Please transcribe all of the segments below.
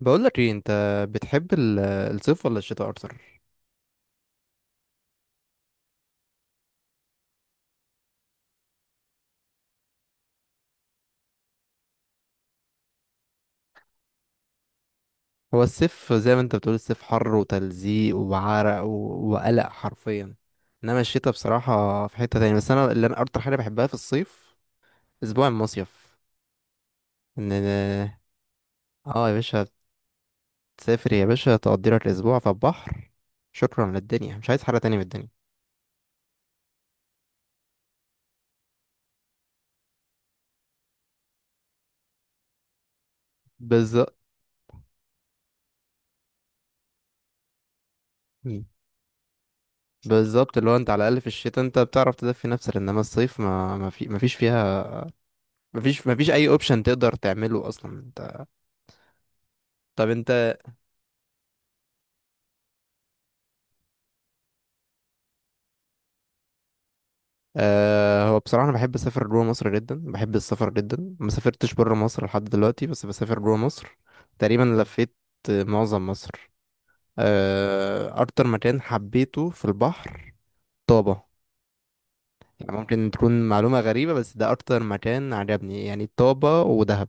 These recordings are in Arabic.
بقول لك ايه انت، بتحب الصيف ولا الشتاء اكتر؟ هو الصيف زي ما انت بتقول، الصيف حر وتلزيق وعرق وقلق حرفيا. انما الشتاء بصراحة في حتة تانية. بس انا اللي انا اكتر حاجة بحبها في الصيف، اسبوع المصيف. ان اه يا باشا، تسافر يا باشا، تقضي لك اسبوع في البحر. شكرا للدنيا، مش عايز حاجة تانية من الدنيا. بالظبط. بالظبط، اللي هو انت على الاقل في الشتاء انت بتعرف تدفي نفسك، انما الصيف ما ما فيش فيها، ما فيش اي اوبشن تقدر تعمله اصلا انت. طب انت هو بصراحة أنا بحب أسافر جوا مصر جدا، بحب السفر جدا. ما سافرتش برا مصر لحد دلوقتي، بس بسافر جوا مصر. تقريبا لفيت معظم مصر. أكتر مكان حبيته في البحر، طابة. يعني ممكن تكون معلومة غريبة، بس ده أكتر مكان عجبني يعني، طابة ودهب.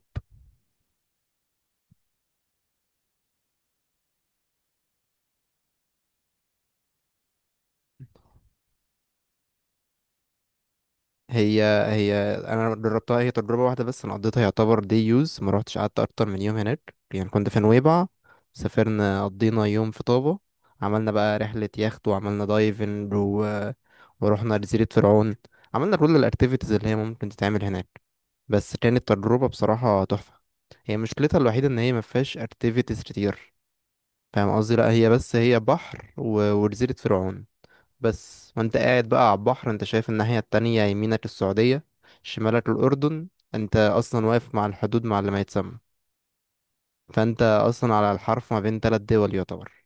هي انا جربتها هي تجربه واحده بس. انا قضيتها يعتبر دي يوز، ما روحتش قعدت اكتر من يوم هناك، يعني كنت في نويبع. سافرنا، قضينا يوم في طابة. عملنا بقى رحله يخت وعملنا دايفنج ورحنا جزيره فرعون. عملنا كل الاكتيفيتيز اللي هي ممكن تتعمل هناك. بس كانت تجربه بصراحه تحفه. هي مشكلتها الوحيده ان هي ما فيهاش اكتيفيتيز كتير، فاهم قصدي. لا، هي بس هي بحر وجزيره فرعون. بس وانت قاعد بقى على البحر، انت شايف الناحية التانية، يمينك السعودية، شمالك الأردن. انت أصلا واقف مع الحدود مع اللي ما يتسمى. فانت أصلا على الحرف ما بين تلات دول يعتبر.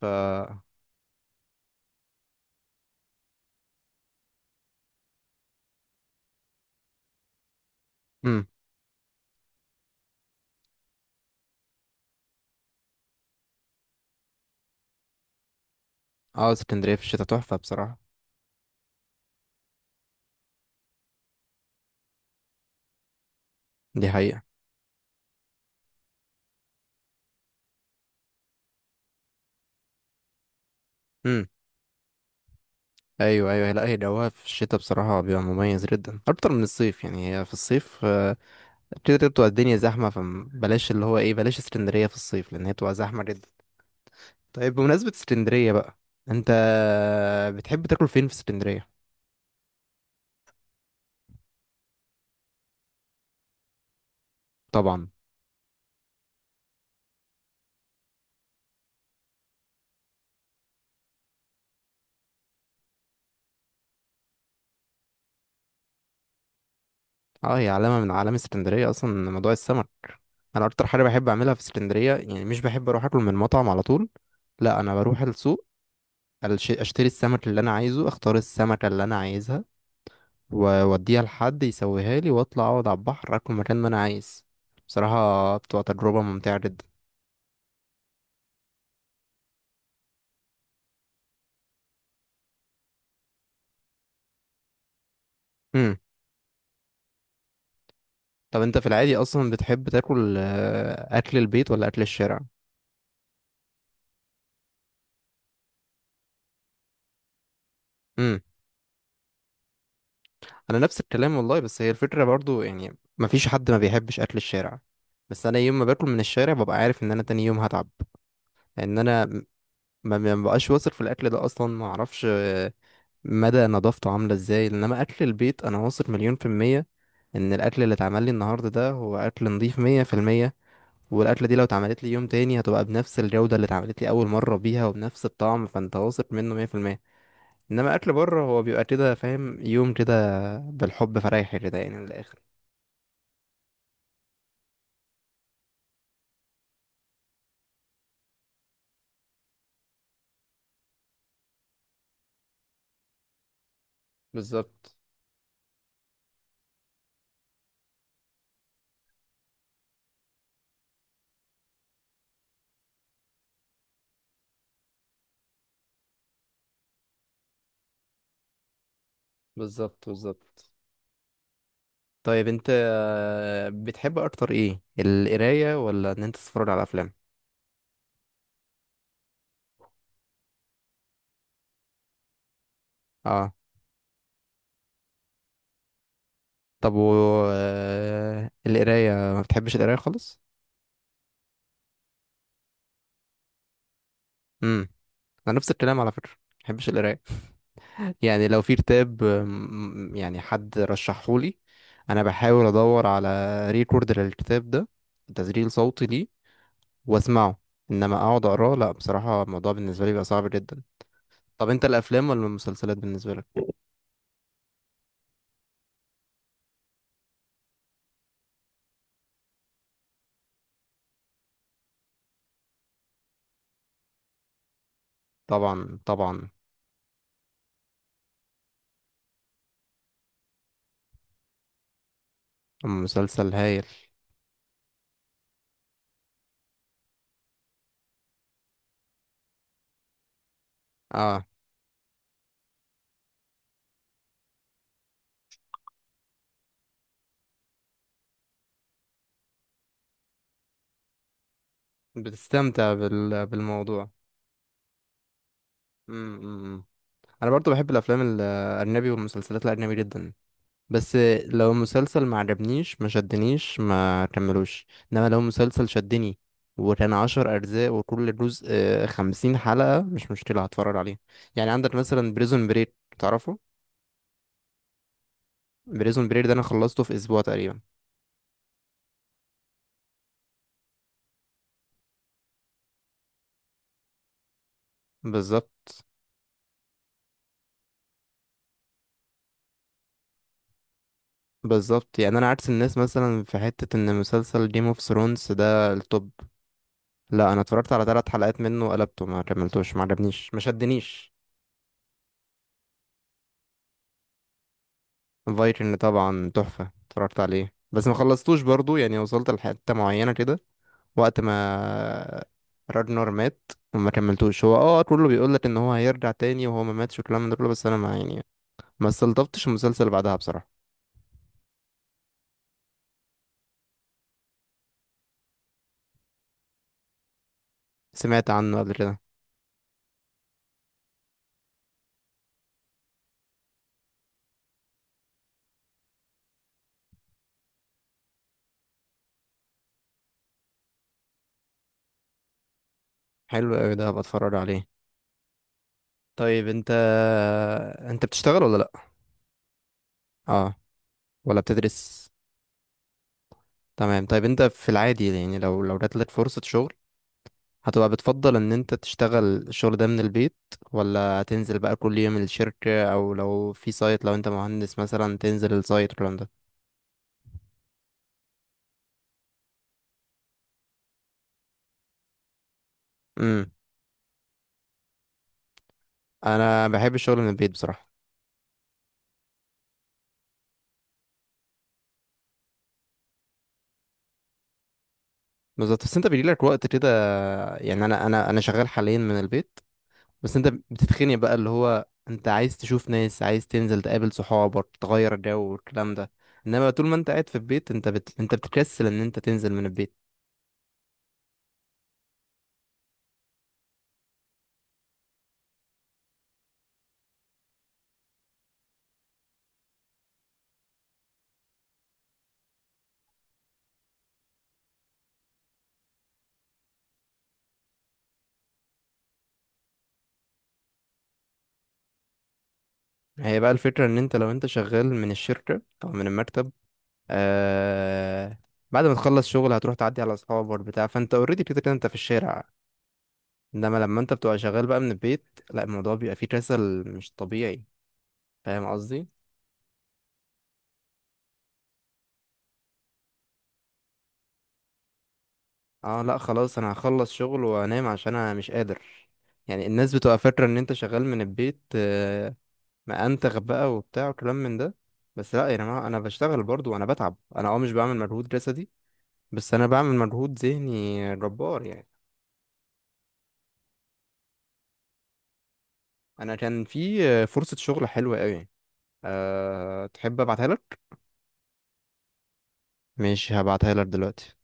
ف امم. اه، اسكندرية في الشتاء تحفة بصراحة. دي حقيقة. امم. ايوه، ايوه، لا هي جوها في الشتاء بصراحة بيبقى مميز جدا اكتر من الصيف يعني. هي في الصيف كده كده بتبقى الدنيا زحمة، فبلاش اللي هو ايه، بلاش اسكندرية في الصيف لأن هي بتبقى زحمة جدا. طيب، بمناسبة اسكندرية بقى، انت بتحب تاكل فين في اسكندرية؟ طبعا. اه، هي علامة من علامة اسكندرية اصلا، موضوع السمك. انا اكتر حاجة بحب اعملها في اسكندرية يعني، مش بحب اروح اكل من مطعم على طول. لا، انا بروح السوق، اشتري السمك اللي انا عايزه، اختار السمكة اللي انا عايزها، واوديها لحد يسويها لي، واطلع اقعد على البحر اكل مكان ما انا عايز. بصراحة بتبقى تجربة ممتعة جدا. امم. طب انت في العادي اصلا بتحب تاكل اكل البيت ولا اكل الشارع؟ انا نفس الكلام والله. بس هي الفكره برضو يعني، مفيش حد ما بيحبش اكل الشارع. بس انا يوم ما باكل من الشارع ببقى عارف ان انا تاني يوم هتعب. لان انا ما ببقاش واثق في الاكل ده اصلا، ما اعرفش مدى نظافته عامله ازاي. انما اكل البيت انا واثق مليون في الميه ان الاكل اللي اتعمل لي النهارده ده هو اكل نظيف 100%. والاكله دي لو اتعملت لي يوم تاني هتبقى بنفس الجوده اللي اتعملت لي اول مره بيها وبنفس الطعم، فانت واثق منه 100%. انما اكل بره هو بيبقى كده، فاهم، يوم كده بالحب فرايح كده يعني، من الاخر. بالظبط، بالظبط، بالظبط. طيب، انت بتحب اكتر ايه، القرايه ولا ان انت تتفرج على افلام؟ اه. طب و القرايه ما بتحبش القرايه خالص؟ امم. انا نفس الكلام على فكره، ما بحبش القرايه. يعني لو في كتاب يعني حد رشحهولي، انا بحاول ادور على ريكورد للكتاب ده، تسجيل صوتي ليه، واسمعه. انما اقعد اقراه، لا، بصراحه الموضوع بالنسبه لي بيبقى صعب جدا. طب انت الافلام ولا المسلسلات بالنسبه لك؟ طبعا، طبعا. مسلسل هايل. اه، بتستمتع بالموضوع. امم. انا برضو بحب الافلام الاجنبي والمسلسلات الاجنبي جدا. بس لو مسلسل ما عجبنيش ما شدنيش ما كملوش. انما لو مسلسل شدني وكان 10 اجزاء وكل جزء 50 حلقة، مش مشكلة هتفرج عليه. يعني عندك مثلا بريزون بريك، تعرفه؟ بريزون بريك ده انا خلصته في اسبوع تقريبا. بالظبط، بالظبط. يعني انا عكس الناس مثلا في حتة، ان مسلسل جيم اوف ثرونز ده التوب. لا، انا اتفرجت على 3 حلقات منه، قلبته، ما كملتوش، ما عجبنيش، ما شدنيش. فايكنج طبعا تحفة، اتفرجت عليه بس ما خلصتوش برضو، يعني وصلت لحتة معينة كده، وقت ما راجنر مات وما كملتوش. هو كله بيقول لك ان هو هيرجع تاني وهو ما ماتش والكلام من ده كله، بس انا ما يعني ما استلطفتش المسلسل بعدها بصراحة. سمعت عنه قبل كده. حلو قوي، ده هبقى اتفرج عليه. طيب، انت بتشتغل ولا لا؟ اه. ولا بتدرس؟ تمام، طيب انت في العادي يعني، لو جات لك فرصة شغل، هتبقى بتفضل ان انت تشتغل الشغل ده من البيت، ولا تنزل بقى كل يوم الشركة، او لو في سايت، لو انت مهندس مثلا تنزل السايت والكلام ده؟ امم. انا بحب الشغل من البيت بصراحة. بالظبط، بس انت بيجي لك وقت كده، يعني انا شغال حاليا من البيت، بس انت بتتخني بقى اللي هو انت عايز تشوف ناس، عايز تنزل تقابل صحابك، تغير جو والكلام ده. انما طول ما انت قاعد في البيت، انت بتكسل ان انت تنزل من البيت. هي بقى الفكرة، ان انت لو انت شغال من الشركة او من المكتب آه بعد ما تخلص شغل هتروح تعدي على اصحابك بتاع، فانت اوريدي كده كده انت في الشارع. انما لما انت بتبقى شغال بقى من البيت، لا، الموضوع بيبقى فيه كسل مش طبيعي، فاهم قصدي. اه لا، خلاص، انا هخلص شغل وانام عشان انا مش قادر. يعني الناس بتبقى فاكرة ان انت شغال من البيت ما انتخ بقى وبتاع وكلام من ده. بس لا يا جماعة، انا بشتغل برضو وانا بتعب، انا مش بعمل مجهود جسدي، بس انا بعمل مجهود ذهني جبار يعني. انا كان في فرصة شغل حلوة قوي، تحب ابعتها لك؟ ماشي هبعتها لك دلوقتي.